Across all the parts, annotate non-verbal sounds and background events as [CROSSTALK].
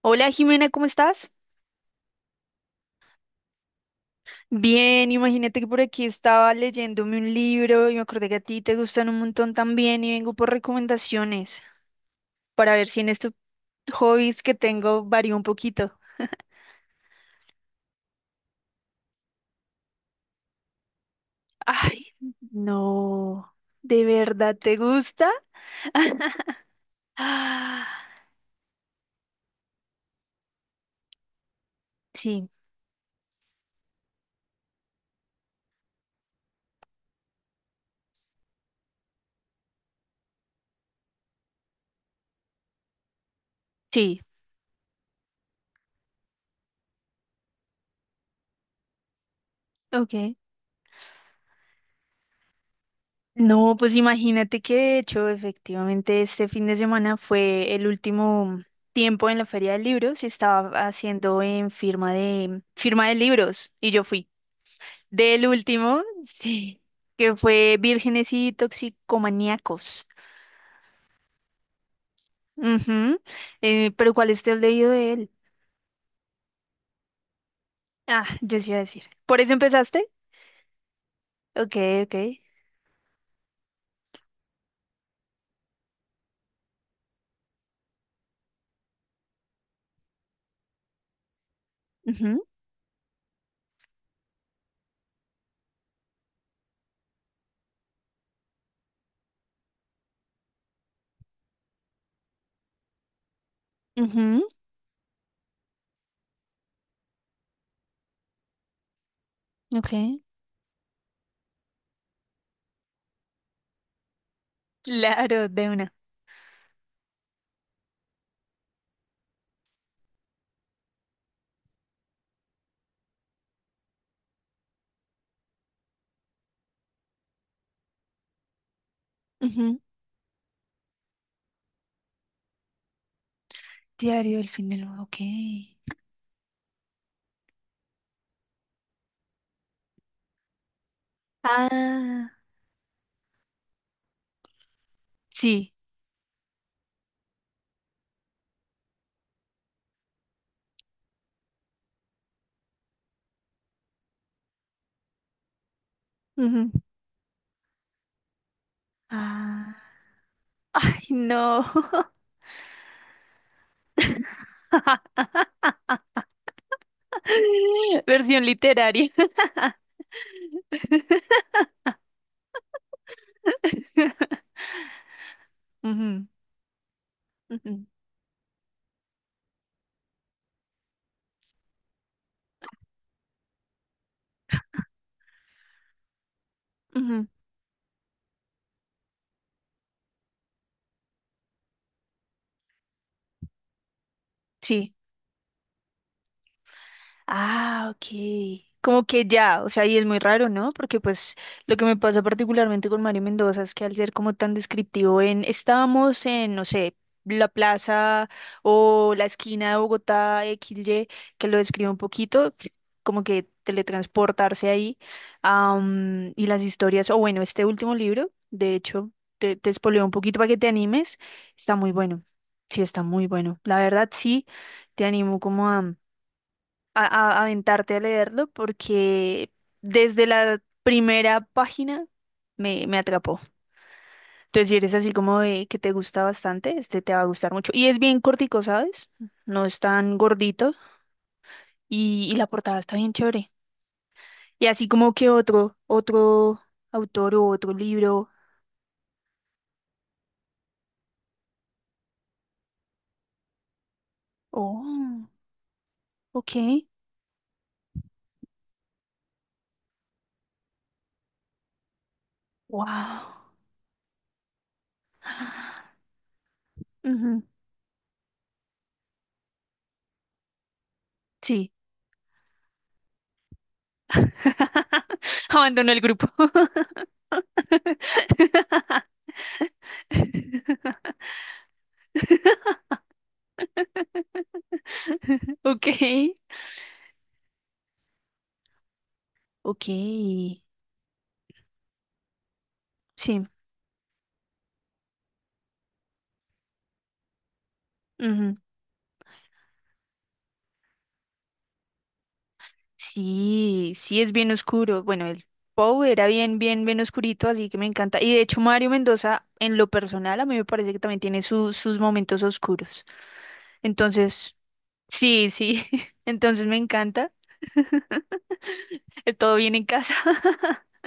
Hola Jimena, ¿cómo estás? Bien, imagínate que por aquí estaba leyéndome un libro y me acordé que a ti te gustan un montón también y vengo por recomendaciones para ver si en estos hobbies que tengo varío un poquito. Ay, no, ¿de verdad te gusta? [GASPS] Ah, sí, sí, ok. No, pues imagínate que de hecho, efectivamente, este fin de semana fue el último tiempo en la Feria del Libro, se estaba haciendo en firma de libros y yo fui del último, [LAUGHS] sí, que fue Vírgenes y Toxicomaníacos. Ujú. Pero ¿cuál es el leído de él? Ah, yo sí iba a decir. ¿Por eso empezaste? Ok, ok. Ujú, ujú, ok. Claro, de una. Ujú. Diario del Fin del Mundo, ok. Ah. Sí. Ujú. Ay, no. [LAUGHS] Versión literaria. [LAUGHS] Ujú, ujú, ujú. Sí. Ah, ok. Como que ya, o sea, y es muy raro, ¿no? Porque pues lo que me pasa particularmente con Mario Mendoza es que al ser como tan descriptivo estábamos en, no sé, la plaza o la esquina de Bogotá XY, que lo describe un poquito, como que teletransportarse ahí. Am, y las historias, o bueno, este último libro, de hecho, te spoileo un poquito para que te animes, está muy bueno. Sí, está muy bueno. La verdad, sí, te animo como aventarte a leerlo porque desde la primera página me atrapó. Entonces, si eres así como de que te gusta bastante, este te va a gustar mucho. Y es bien cortico, ¿sabes? No es tan gordito y la portada está bien chévere. Y así como que otro, otro autor o otro libro. Oh, ok. Wow. Ujú, sí. [LAUGHS] Abandonó el grupo. [LAUGHS] Ok. Ok. Sí. Ujú. Sí, sí es bien oscuro. Bueno, el Pou era bien, bien, bien oscurito, así que me encanta. Y de hecho, Mario Mendoza, en lo personal, a mí me parece que también tiene sus momentos oscuros. Entonces, sí, sí. [LAUGHS] Entonces me encanta. Todo bien en casa. [LAUGHS]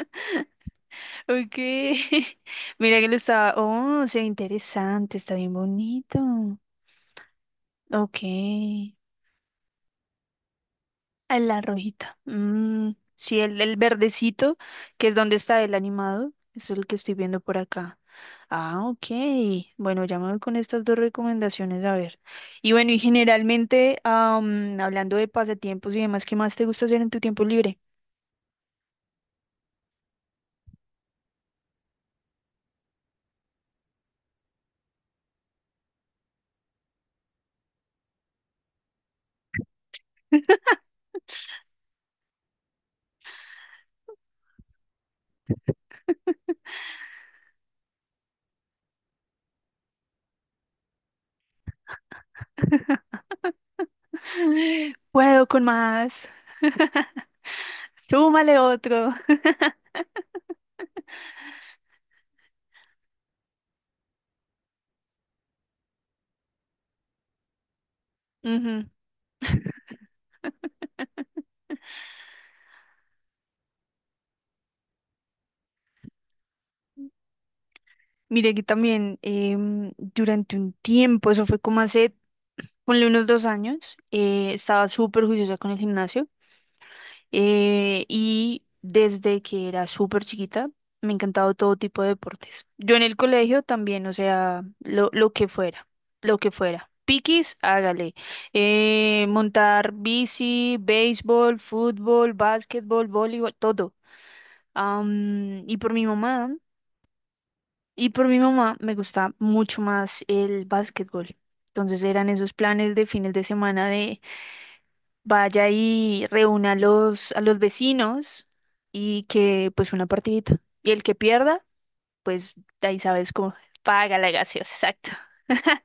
Ok. [LAUGHS] Mira que lo está. Oh, se ve interesante, está bien bonito. Ok. Ah, la rojita. Mm, sí, el verdecito, que es donde está el animado. Es el que estoy viendo por acá. Ah, ok. Bueno, ya me voy con estas dos recomendaciones a ver. Y bueno, y generalmente, hablando de pasatiempos y demás, ¿qué más te gusta hacer en tu tiempo libre? [LAUGHS] Puedo con más. Súmale otro. Ujú. Mire que también durante un tiempo, eso fue como hace, ponle unos dos años, estaba súper juiciosa con el gimnasio. Y desde que era súper chiquita me ha encantado todo tipo de deportes. Yo en el colegio también, o sea, lo que fuera, lo que fuera. Piquis, hágale. Montar bici, béisbol, fútbol, básquetbol, voleibol, todo. Am, y por mi mamá, y por mi mamá me gusta mucho más el básquetbol. Entonces eran esos planes de fines de semana de vaya y reúna a a los vecinos y que pues una partidita. Y el que pierda, pues de ahí sabes cómo paga la gaseosa, exacto. [LAUGHS]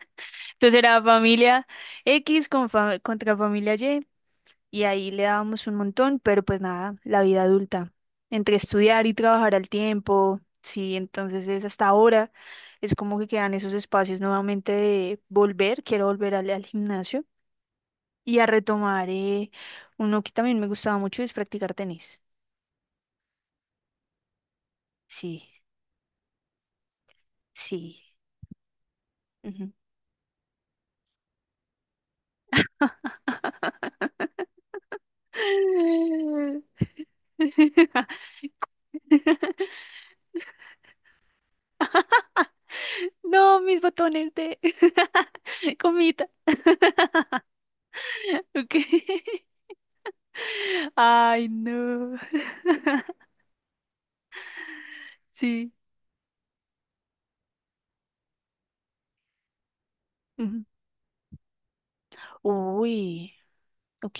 Entonces era familia X contra familia Y y ahí le dábamos un montón, pero pues nada, la vida adulta, entre estudiar y trabajar al tiempo, sí, entonces es hasta ahora, es como que quedan esos espacios nuevamente de volver, quiero volver al gimnasio y a retomar uno que también me gustaba mucho es practicar tenis. Sí, sí. Ujú. [LAUGHS] No, mis botones de [LAUGHS] comita. [LAUGHS] Okay. [LAUGHS] Ay, no. Sí. Ujú. Uy, ok.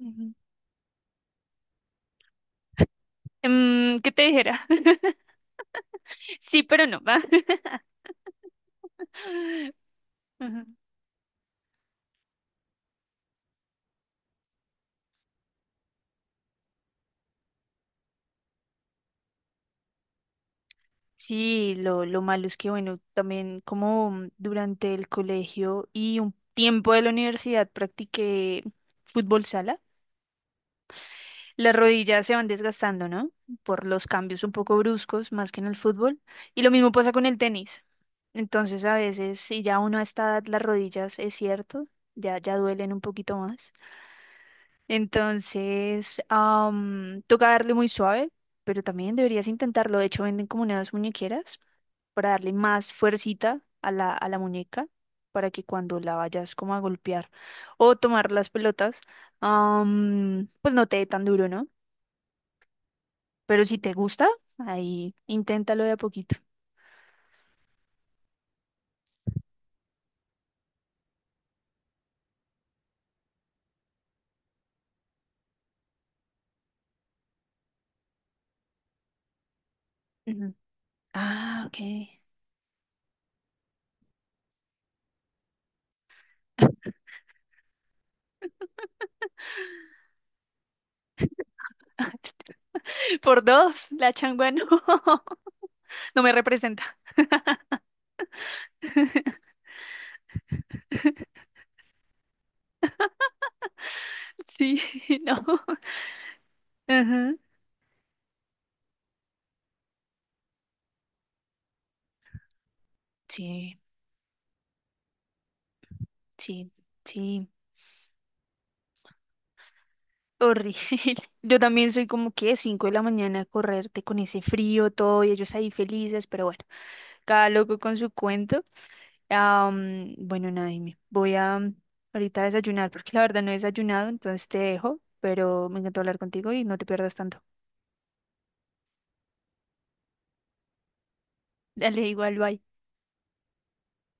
Ujú. Mm, ¿qué te dijera? [LAUGHS] Sí, pero no. [LAUGHS] Va. Sí, lo malo es que, bueno, también como durante el colegio y un tiempo de la universidad practiqué fútbol sala, las rodillas se van desgastando, ¿no? Por los cambios un poco bruscos, más que en el fútbol. Y lo mismo pasa con el tenis. Entonces, a veces, si ya uno a esta edad, las rodillas, es cierto, ya duelen un poquito más. Entonces, toca darle muy suave, pero también deberías intentarlo. De hecho, venden como unas muñequeras para darle más fuercita a a la muñeca para que cuando la vayas como a golpear o tomar las pelotas, pues no te dé tan duro, ¿no? Pero si te gusta, ahí inténtalo de a poquito. Ujú. Ah, ok. [LAUGHS] Por dos, la changua no, [LAUGHS] no me representa. [LAUGHS] Sí, [LAUGHS] no. Ajá. Sí, sí, sí. Horrible. [LAUGHS] Yo también soy como que 5 de la mañana a correrte con ese frío, todo, y ellos ahí felices, pero bueno, cada loco con su cuento. Bueno, nada, dime, voy a ahorita a desayunar, porque la verdad no he desayunado, entonces te dejo, pero me encantó hablar contigo y no te pierdas tanto. [LAUGHS] Dale, igual, bye.